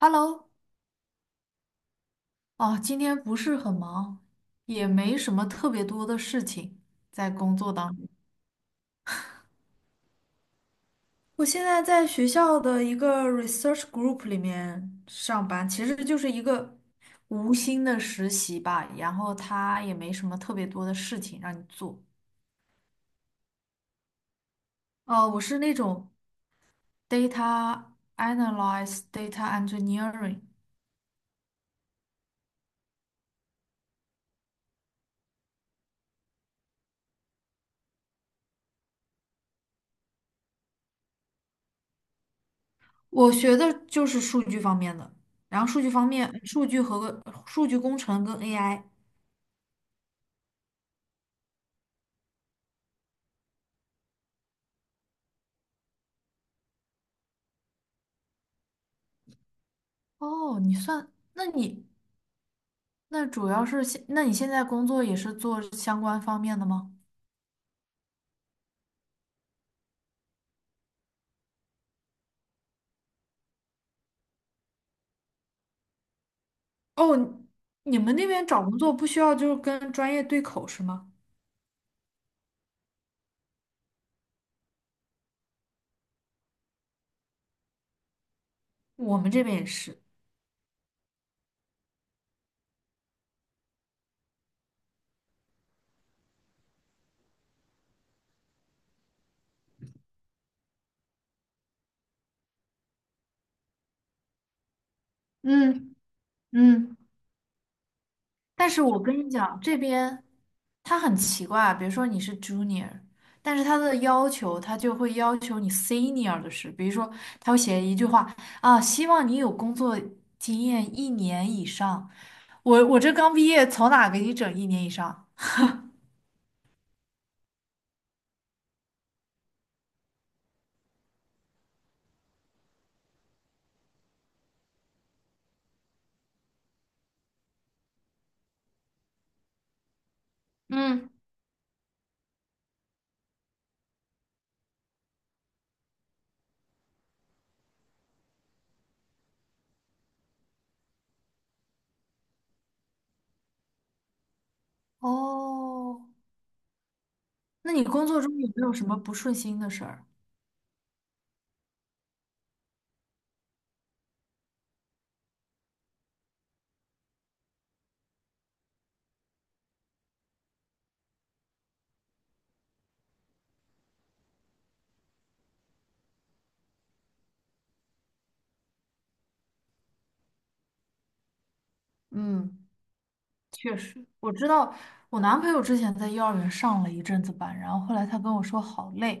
Hello,哦，今天不是很忙，也没什么特别多的事情在工作当中。我现在在学校的一个 research group 里面上班，其实就是一个，无心的实习吧，然后他也没什么特别多的事情让你做。我是那种 data analyze、data engineering。我学的就是数据方面的，然后数据方面，数据和数据工程跟 AI。哦，你算，那你那主要是现，那你现在工作也是做相关方面的吗？哦，你们那边找工作不需要就是跟专业对口是吗？我们这边也是。嗯嗯，但是我跟你讲，这边他很奇怪啊，比如说你是 junior,但是他的要求他就会要求你 senior 的事，比如说他会写一句话，啊，希望你有工作经验一年以上。我这刚毕业，从哪给你整一年以上？嗯。哦，那你工作中有没有什么不顺心的事儿？嗯，确实，我知道我男朋友之前在幼儿园上了一阵子班，然后后来他跟我说好累，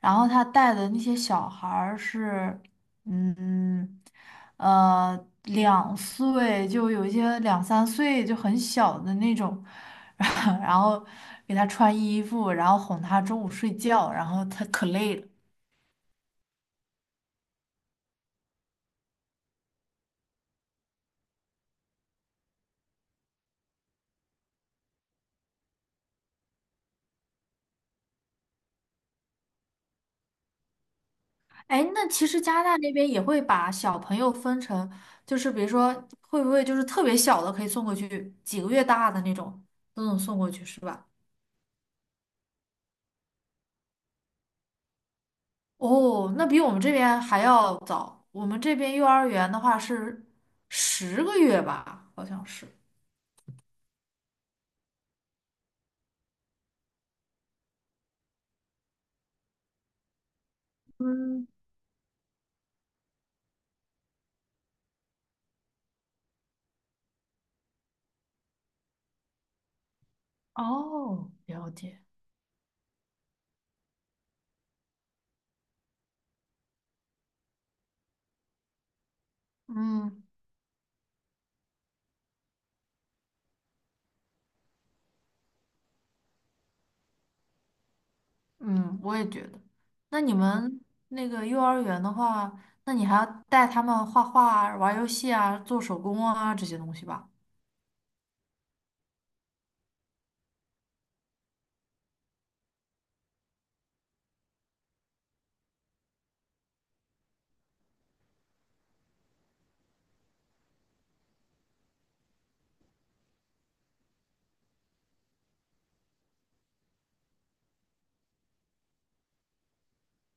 然后他带的那些小孩儿是，嗯，呃，2岁就有一些2、3岁就很小的那种。然后给他穿衣服，然后哄他中午睡觉，然后他可累了。哎，那其实加拿大那边也会把小朋友分成，就是比如说，会不会就是特别小的可以送过去，几个月大的那种都能送过去，是吧？哦，那比我们这边还要早。我们这边幼儿园的话是10个月吧，好像是。嗯，哦，了解。嗯嗯，我也觉得。那你们那个幼儿园的话，那你还要带他们画画啊、玩游戏啊、做手工啊这些东西吧？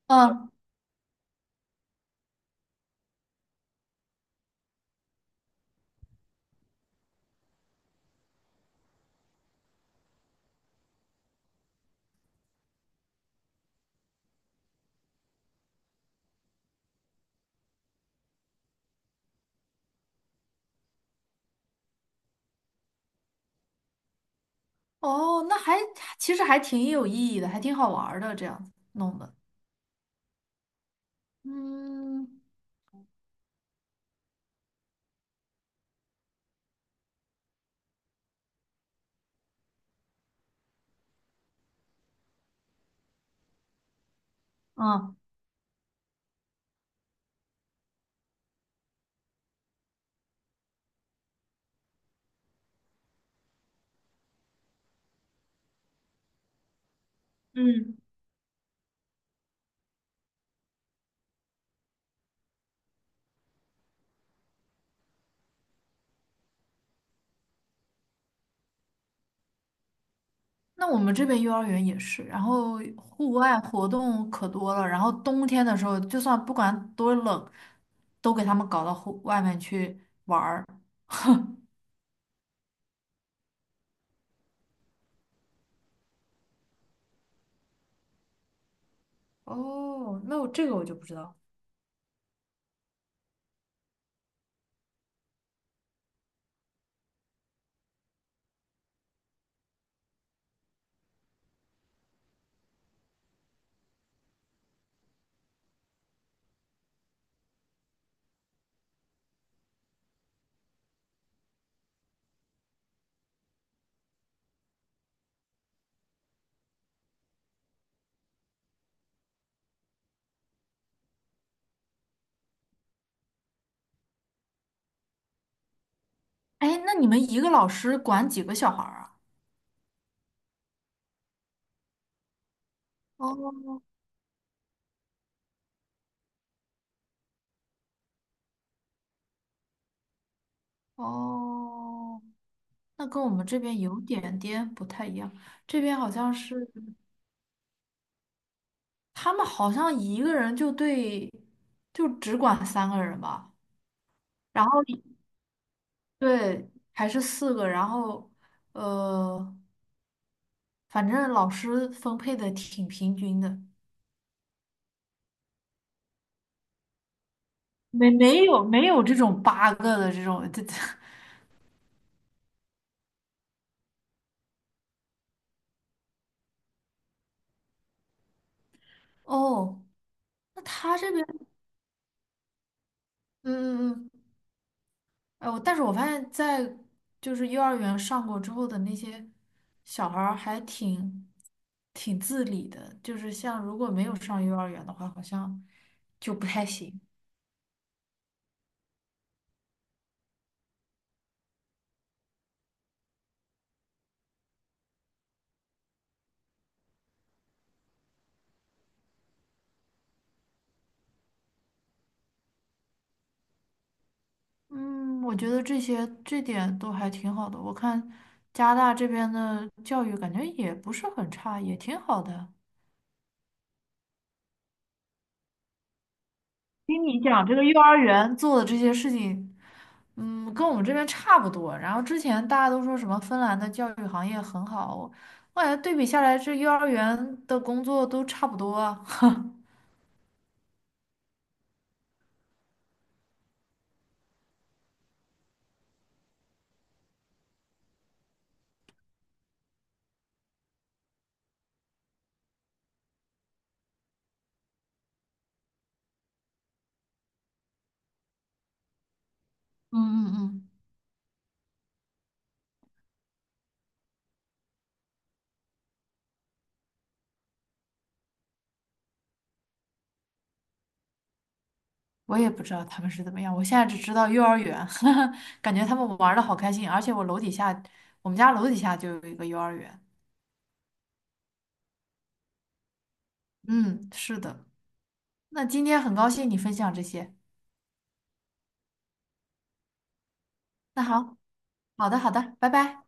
嗯，哦，其实还挺有意义的，还挺好玩儿的，这样子弄的。嗯啊，嗯，那我们这边幼儿园也是，然后户外活动可多了，然后冬天的时候，就算不管多冷，都给他们搞到户外面去玩儿。哦，那我这个我就不知道。哎，那你们一个老师管几个小孩儿啊？哦哦，那跟我们这边有点点不太一样。这边好像是，他们好像一个人就对，就只管3个人吧，然后一对还是4个，然后呃，反正老师分配的挺平均的。没有这种8个的这种，这 哦，那他这边，嗯嗯嗯，哎，但是我发现，在就是幼儿园上过之后的那些小孩儿还挺自理的，就是像如果没有上幼儿园的话，好像就不太行。嗯，我觉得这些这点都还挺好的。我看加拿大这边的教育感觉也不是很差，也挺好的。听你讲这个幼儿园做的这些事情，嗯，跟我们这边差不多。然后之前大家都说什么芬兰的教育行业很好，我感觉对比下来，这幼儿园的工作都差不多啊。嗯嗯嗯，我也不知道他们是怎么样，我现在只知道幼儿园。感觉他们玩的好开心，而且我楼底下，我们家楼底下就有一个幼儿园。嗯，是的。那今天很高兴你分享这些。那好，好的好的，拜拜。